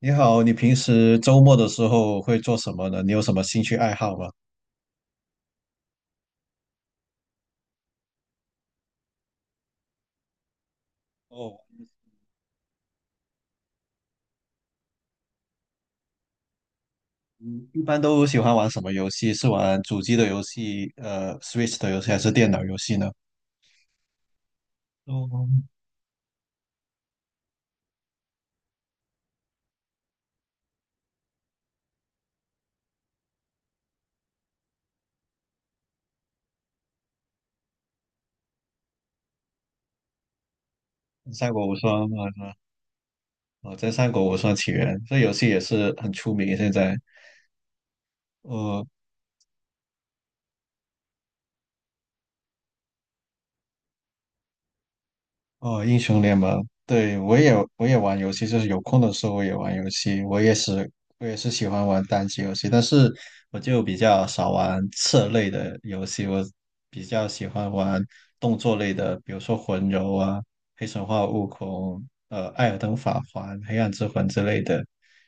你好，你平时周末的时候会做什么呢？你有什么兴趣爱好吗？哦，嗯，一般都喜欢玩什么游戏？是玩主机的游戏，Switch 的游戏，还是电脑游戏呢？哦，《三国无双》啊，哦，在《三国无双起源》这游戏也是很出名，现在。呃，哦，英雄联盟，对，我也玩游戏，就是有空的时候我也玩游戏。我也是喜欢玩单机游戏，但是我就比较少玩策类的游戏，我比较喜欢玩动作类的，比如说魂游啊、黑神话、悟空、艾尔登法环、黑暗之魂之类的。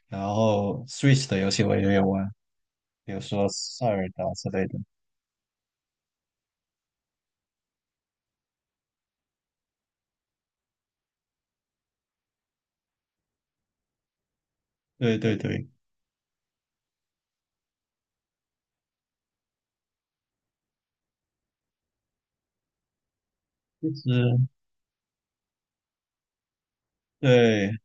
然后 Switch 的游戏我也有玩，比如说塞尔达之类的。对对对，是，对。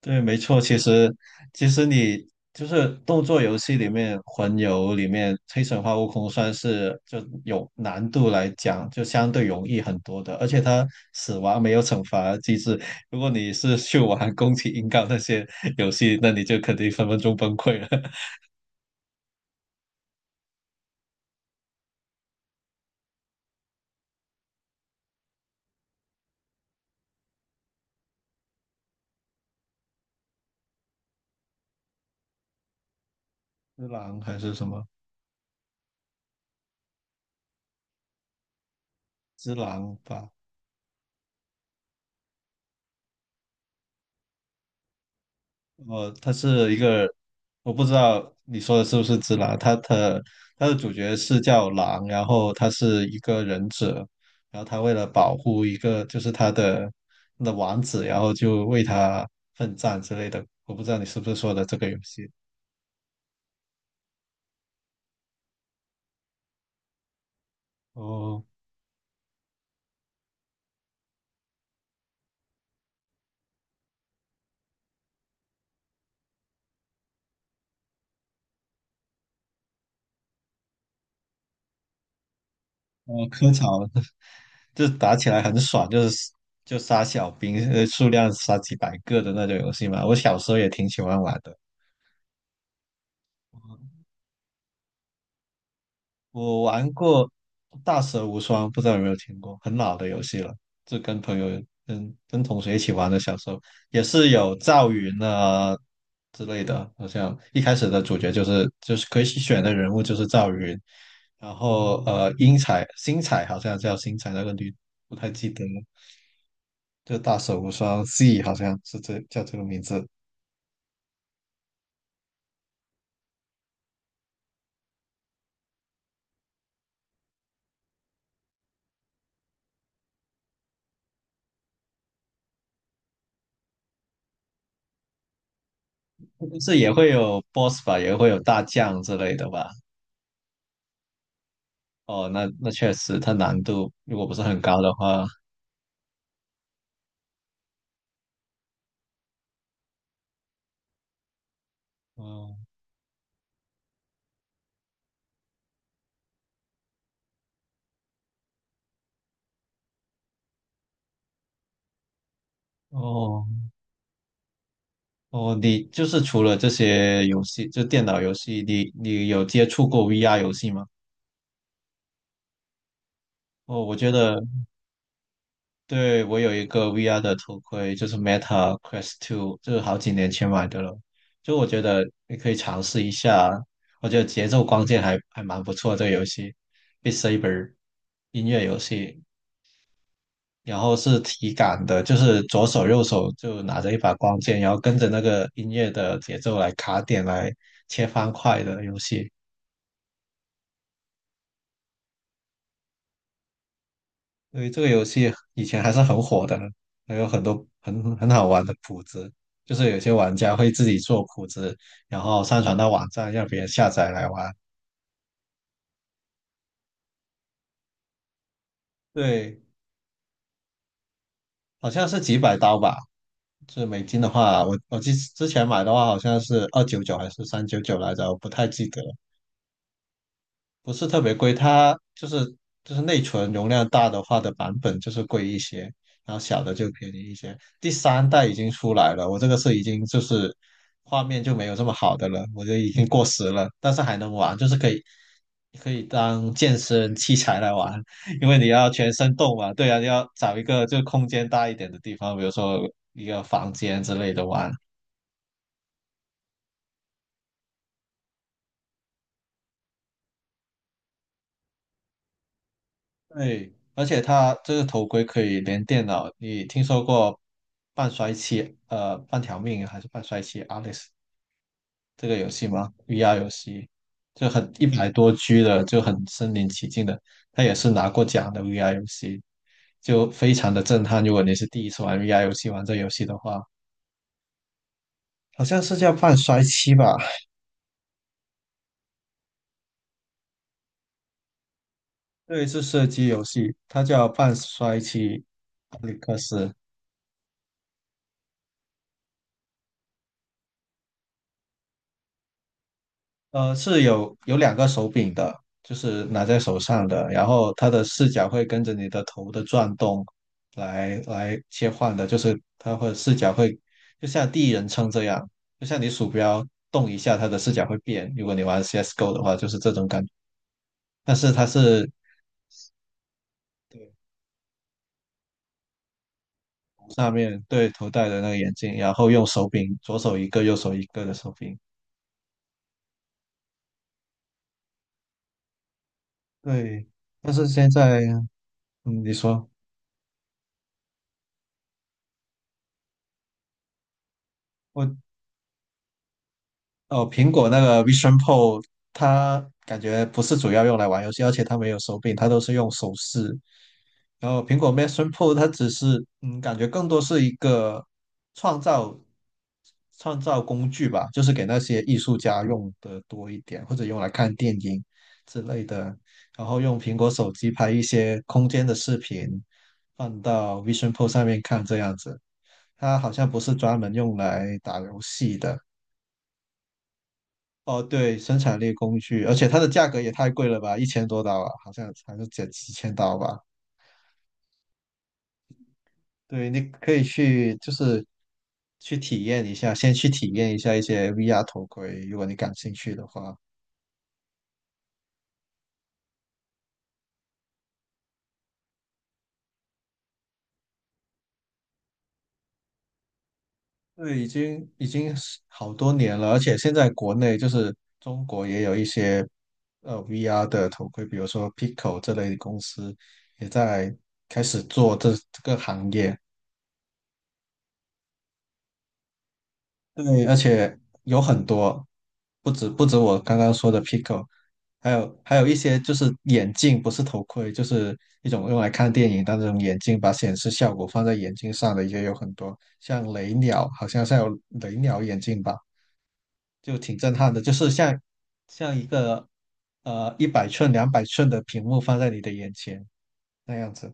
对，没错。其实你就是动作游戏里面，魂游里面，黑神话悟空算是就有难度来讲，就相对容易很多的。而且它死亡没有惩罚机制。如果你是去玩宫崎英高那些游戏，那你就肯定分分钟崩溃了。之狼还是什么？之狼吧，哦，他是一个，我不知道你说的是不是只狼，他的主角是叫狼，然后他是一个忍者，然后他为了保护一个就是他的王子，然后就为他奋战之类的。我不知道你是不是说的这个游戏。哦，哦，科草 就是打起来很爽，就是就杀小兵，数量杀几百个的那种游戏嘛。我小时候也挺喜欢玩的。我玩过《大蛇无双》，不知道有没有听过，很老的游戏了，就跟朋友、跟同学一起玩的。小时候也是有赵云啊之类的，好像一开始的主角就是可以选的人物就是赵云，然后英彩、星彩好像叫星彩那个女，不太记得了。就《大蛇无双 C 好像是这叫这个名字，但是也会有 BOSS 吧，也会有大将之类的吧。哦，那确实，它难度如果不是很高的话，哦哦哦，你就是除了这些游戏，就电脑游戏，你有接触过 VR 游戏吗？哦，我觉得对，我有一个 VR 的头盔，就是 Meta Quest Two，就是好几年前买的了。就我觉得你可以尝试一下，我觉得节奏光剑还蛮不错，这个游戏 b e t Saber 音乐游戏，然后是体感的，就是左手右手就拿着一把光剑，然后跟着那个音乐的节奏来卡点来切方块的游戏。所以这个游戏以前还是很火的，还有很多很好玩的谱子，就是有些玩家会自己做谱子，然后上传到网站让别人下载来玩。对，好像是几百刀吧，就是美金的话，我记之前买的话好像是299还是399来着，我不太记得。不是特别贵，它就是内存容量大的话的版本就是贵一些，然后小的就便宜一些。第三代已经出来了，我这个是已经就是画面就没有这么好的了，我就已经过时了，但是还能玩，就是可以当健身器材来玩，因为你要全身动嘛，对啊，你要找一个就空间大一点的地方，比如说一个房间之类的玩，对，而且它这个头盔可以连电脑，你听说过半衰期半条命还是半衰期 Alice 这个游戏吗？VR 游戏就很100多 G 的，就很身临其境的，它也是拿过奖的 VR 游戏，就非常的震撼。如果你是第一次玩 VR 游戏，玩这游戏的话，好像是叫半衰期吧？对，是射击游戏，它叫半衰期阿历克斯。是有两个手柄的，就是拿在手上的，然后它的视角会跟着你的头的转动来切换的，就是它会视角会就像第一人称这样，就像你鼠标动一下，它的视角会变。如果你玩 CS:GO 的话，就是这种感觉。但是它是对上面对头戴的那个眼镜，然后用手柄，左手一个，右手一个的手柄。对，但是现在，嗯，你说。我哦，苹果那个 Vision Pro，它感觉不是主要用来玩游戏，而且它没有手柄，它都是用手势。然后苹果 Vision Pro 它只是，感觉更多是一个创造创造工具吧，就是给那些艺术家用的多一点，或者用来看电影之类的。然后用苹果手机拍一些空间的视频，放到 Vision Pro 上面看，这样子。它好像不是专门用来打游戏的。哦，对，生产力工具，而且它的价格也太贵了吧，1000多刀啊，好像还是几千刀吧。对，你可以去就是去体验一下，先去体验一下一些 VR 头盔，如果你感兴趣的话。对，已经是好多年了，而且现在国内就是中国也有一些VR 的头盔，比如说 Pico 这类的公司也在开始做这个行业。对，而且有很多，不止我刚刚说的 Pico，还有一些就是眼镜，不是头盔，就是一种用来看电影的那种眼镜，把显示效果放在眼镜上的也有很多，像雷鸟，好像是有雷鸟眼镜吧，就挺震撼的，就是像一个100寸、200寸的屏幕放在你的眼前那样子。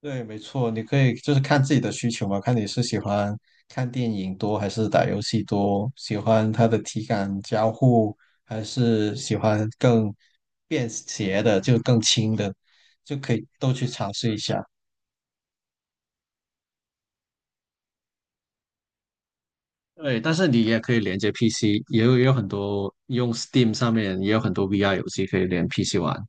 对，没错，你可以就是看自己的需求嘛，看你是喜欢看电影多还是打游戏多，喜欢它的体感交互，还是喜欢更便携的，就更轻的，就可以都去尝试一下。对，但是你也可以连接 PC，也有很多用 Steam 上面也有很多 VR 游戏可以连 PC 玩。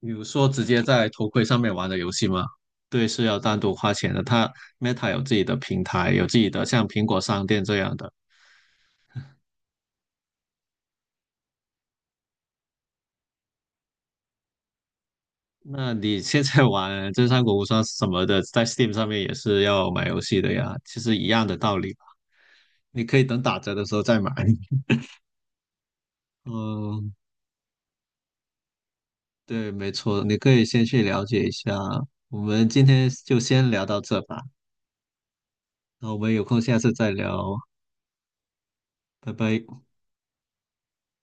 比如说直接在头盔上面玩的游戏吗？对，是要单独花钱的。它 Meta 有自己的平台，有自己的像苹果商店这样的，那你现在玩《真三国无双》什么的，在 Steam 上面也是要买游戏的呀，其实一样的道理吧，你可以等打折的时候再买。嗯，对，没错，你可以先去了解一下。我们今天就先聊到这吧，那我们有空下次再聊，拜拜。